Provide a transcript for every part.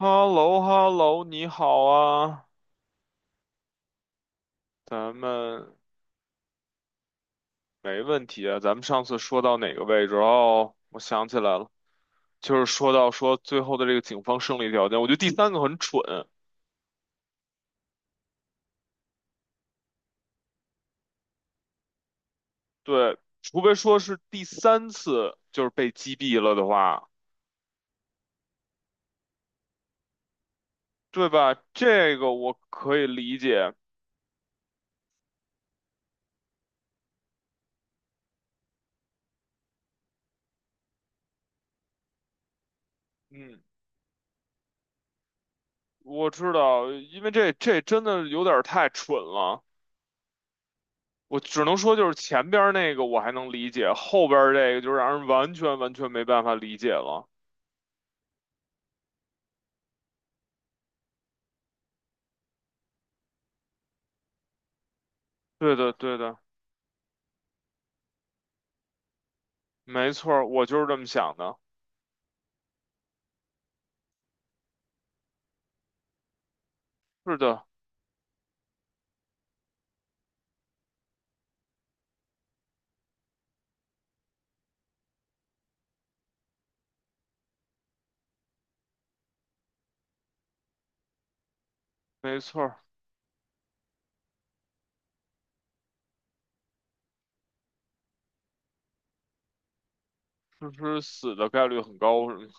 h e l l o h e l l o 你好啊，咱们没问题啊。咱们上次说到哪个位置？哦，我想起来了，就是说到说最后的这个警方胜利条件，我觉得第三个很蠢。对，除非说是第三次就是被击毙了的话，对吧？这个我可以理解。嗯，我知道，因为这真的有点儿太蠢了。我只能说，就是前边儿那个我还能理解，后边儿这个就让人完全没办法理解了。对的，对的，没错儿，我就是这么想的。是的，没错儿，就是死的概率很高，是吗？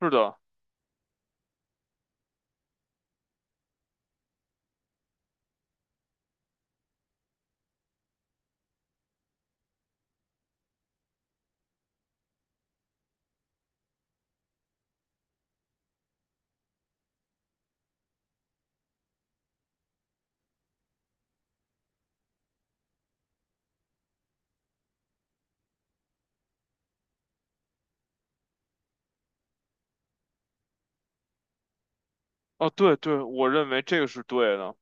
是的。哦，对对，我认为这个是对的，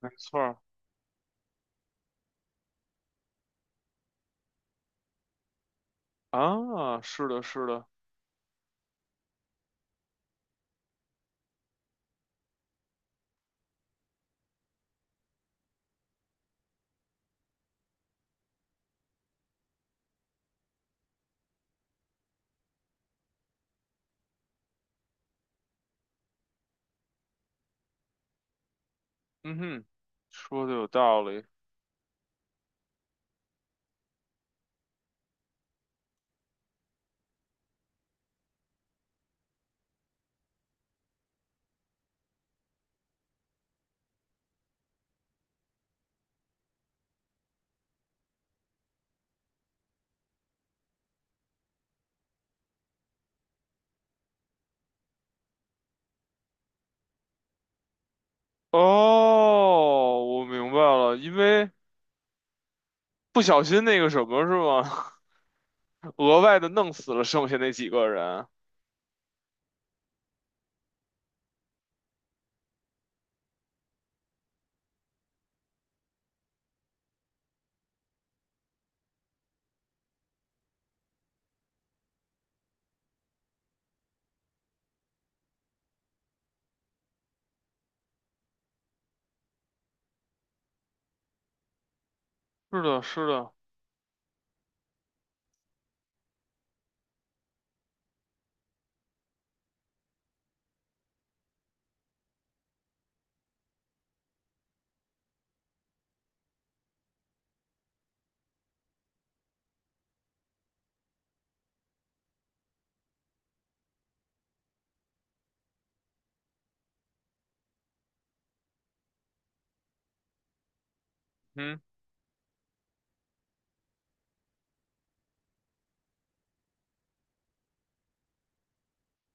没错儿啊，是的，是的，嗯哼，说的有道理。哦，我明白了，因为不小心那个什么是吗？额外的弄死了剩下那几个人。是的，是的，嗯，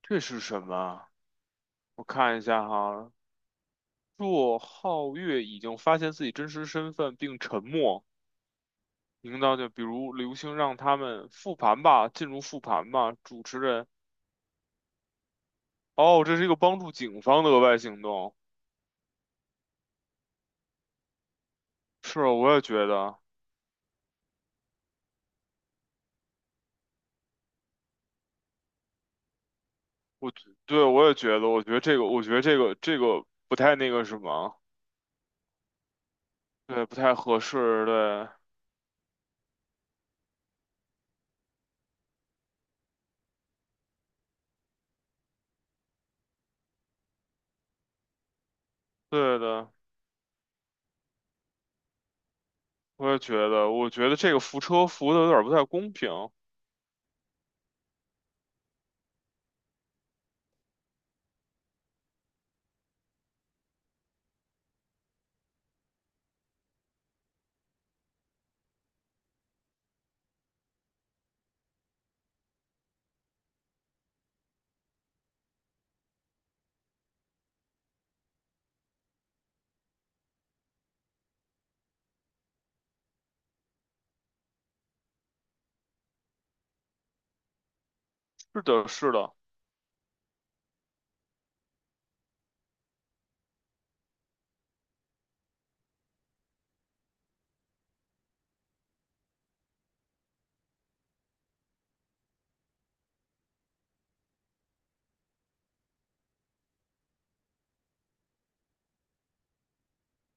这是什么？我看一下哈，若皓月已经发现自己真实身份并沉默，领当就比如刘星让他们复盘吧，进入复盘吧。主持人，哦，这是一个帮助警方的额外行动。是啊我也觉得，我对我也觉得，我觉得这个，我觉得这个这个不太那个什么，对，不太合适，对，对的，我也觉得，我觉得这个扶车扶的有点不太公平。是的，是的，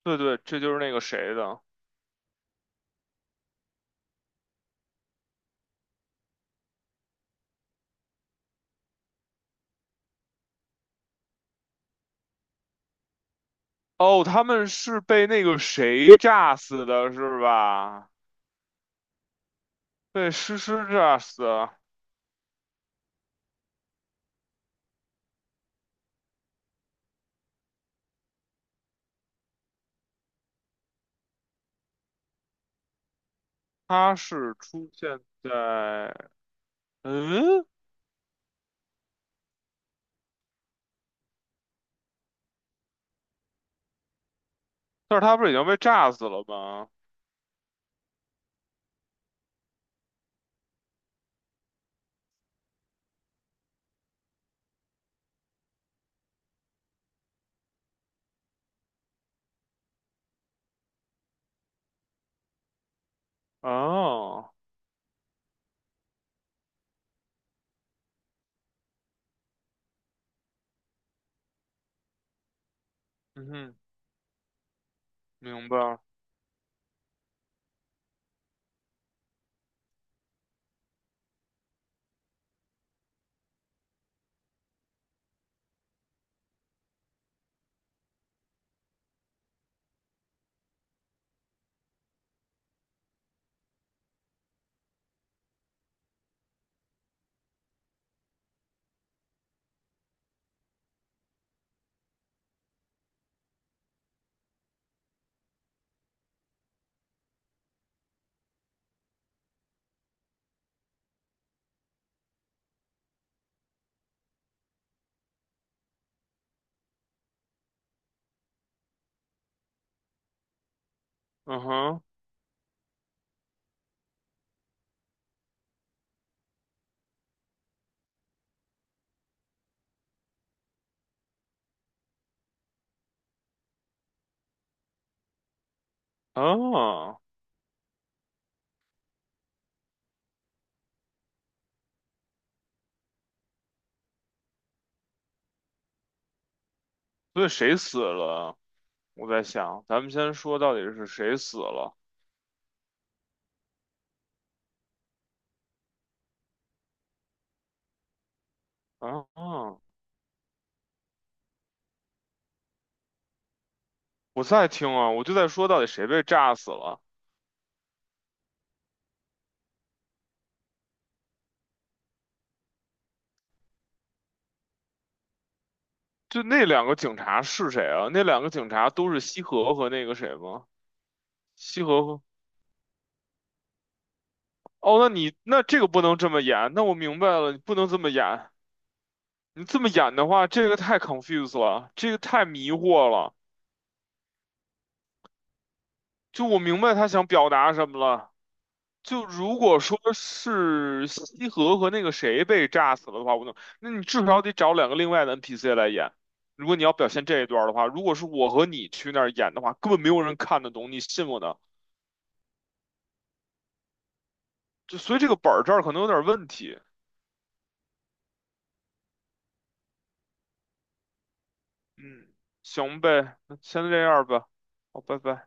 对对，这就是那个谁的。哦，他们是被那个谁炸死的，是吧？被诗诗炸死的，他是出现在，嗯，但是他不是已经被炸死了吗？哦，嗯哼，明白了嗯哼，哦，所以谁死了？我在想，咱们先说到底是谁死了？啊，我在听啊，我就在说到底谁被炸死了？就那两个警察是谁啊？那两个警察都是西河和那个谁吗？西河哦，那你那这个不能这么演，那我明白了，你不能这么演。你这么演的话，这个太 c o n f u s e 了，这个太迷惑了。就我明白他想表达什么了。就如果说是西河和那个谁被炸死了的话，我能，那你至少得找两个另外的 NPC 来演。如果你要表现这一段儿的话，如果是我和你去那儿演的话，根本没有人看得懂，你信我的。就所以这个本儿这儿可能有点问题。嗯，行呗，那先这样吧。好，拜拜。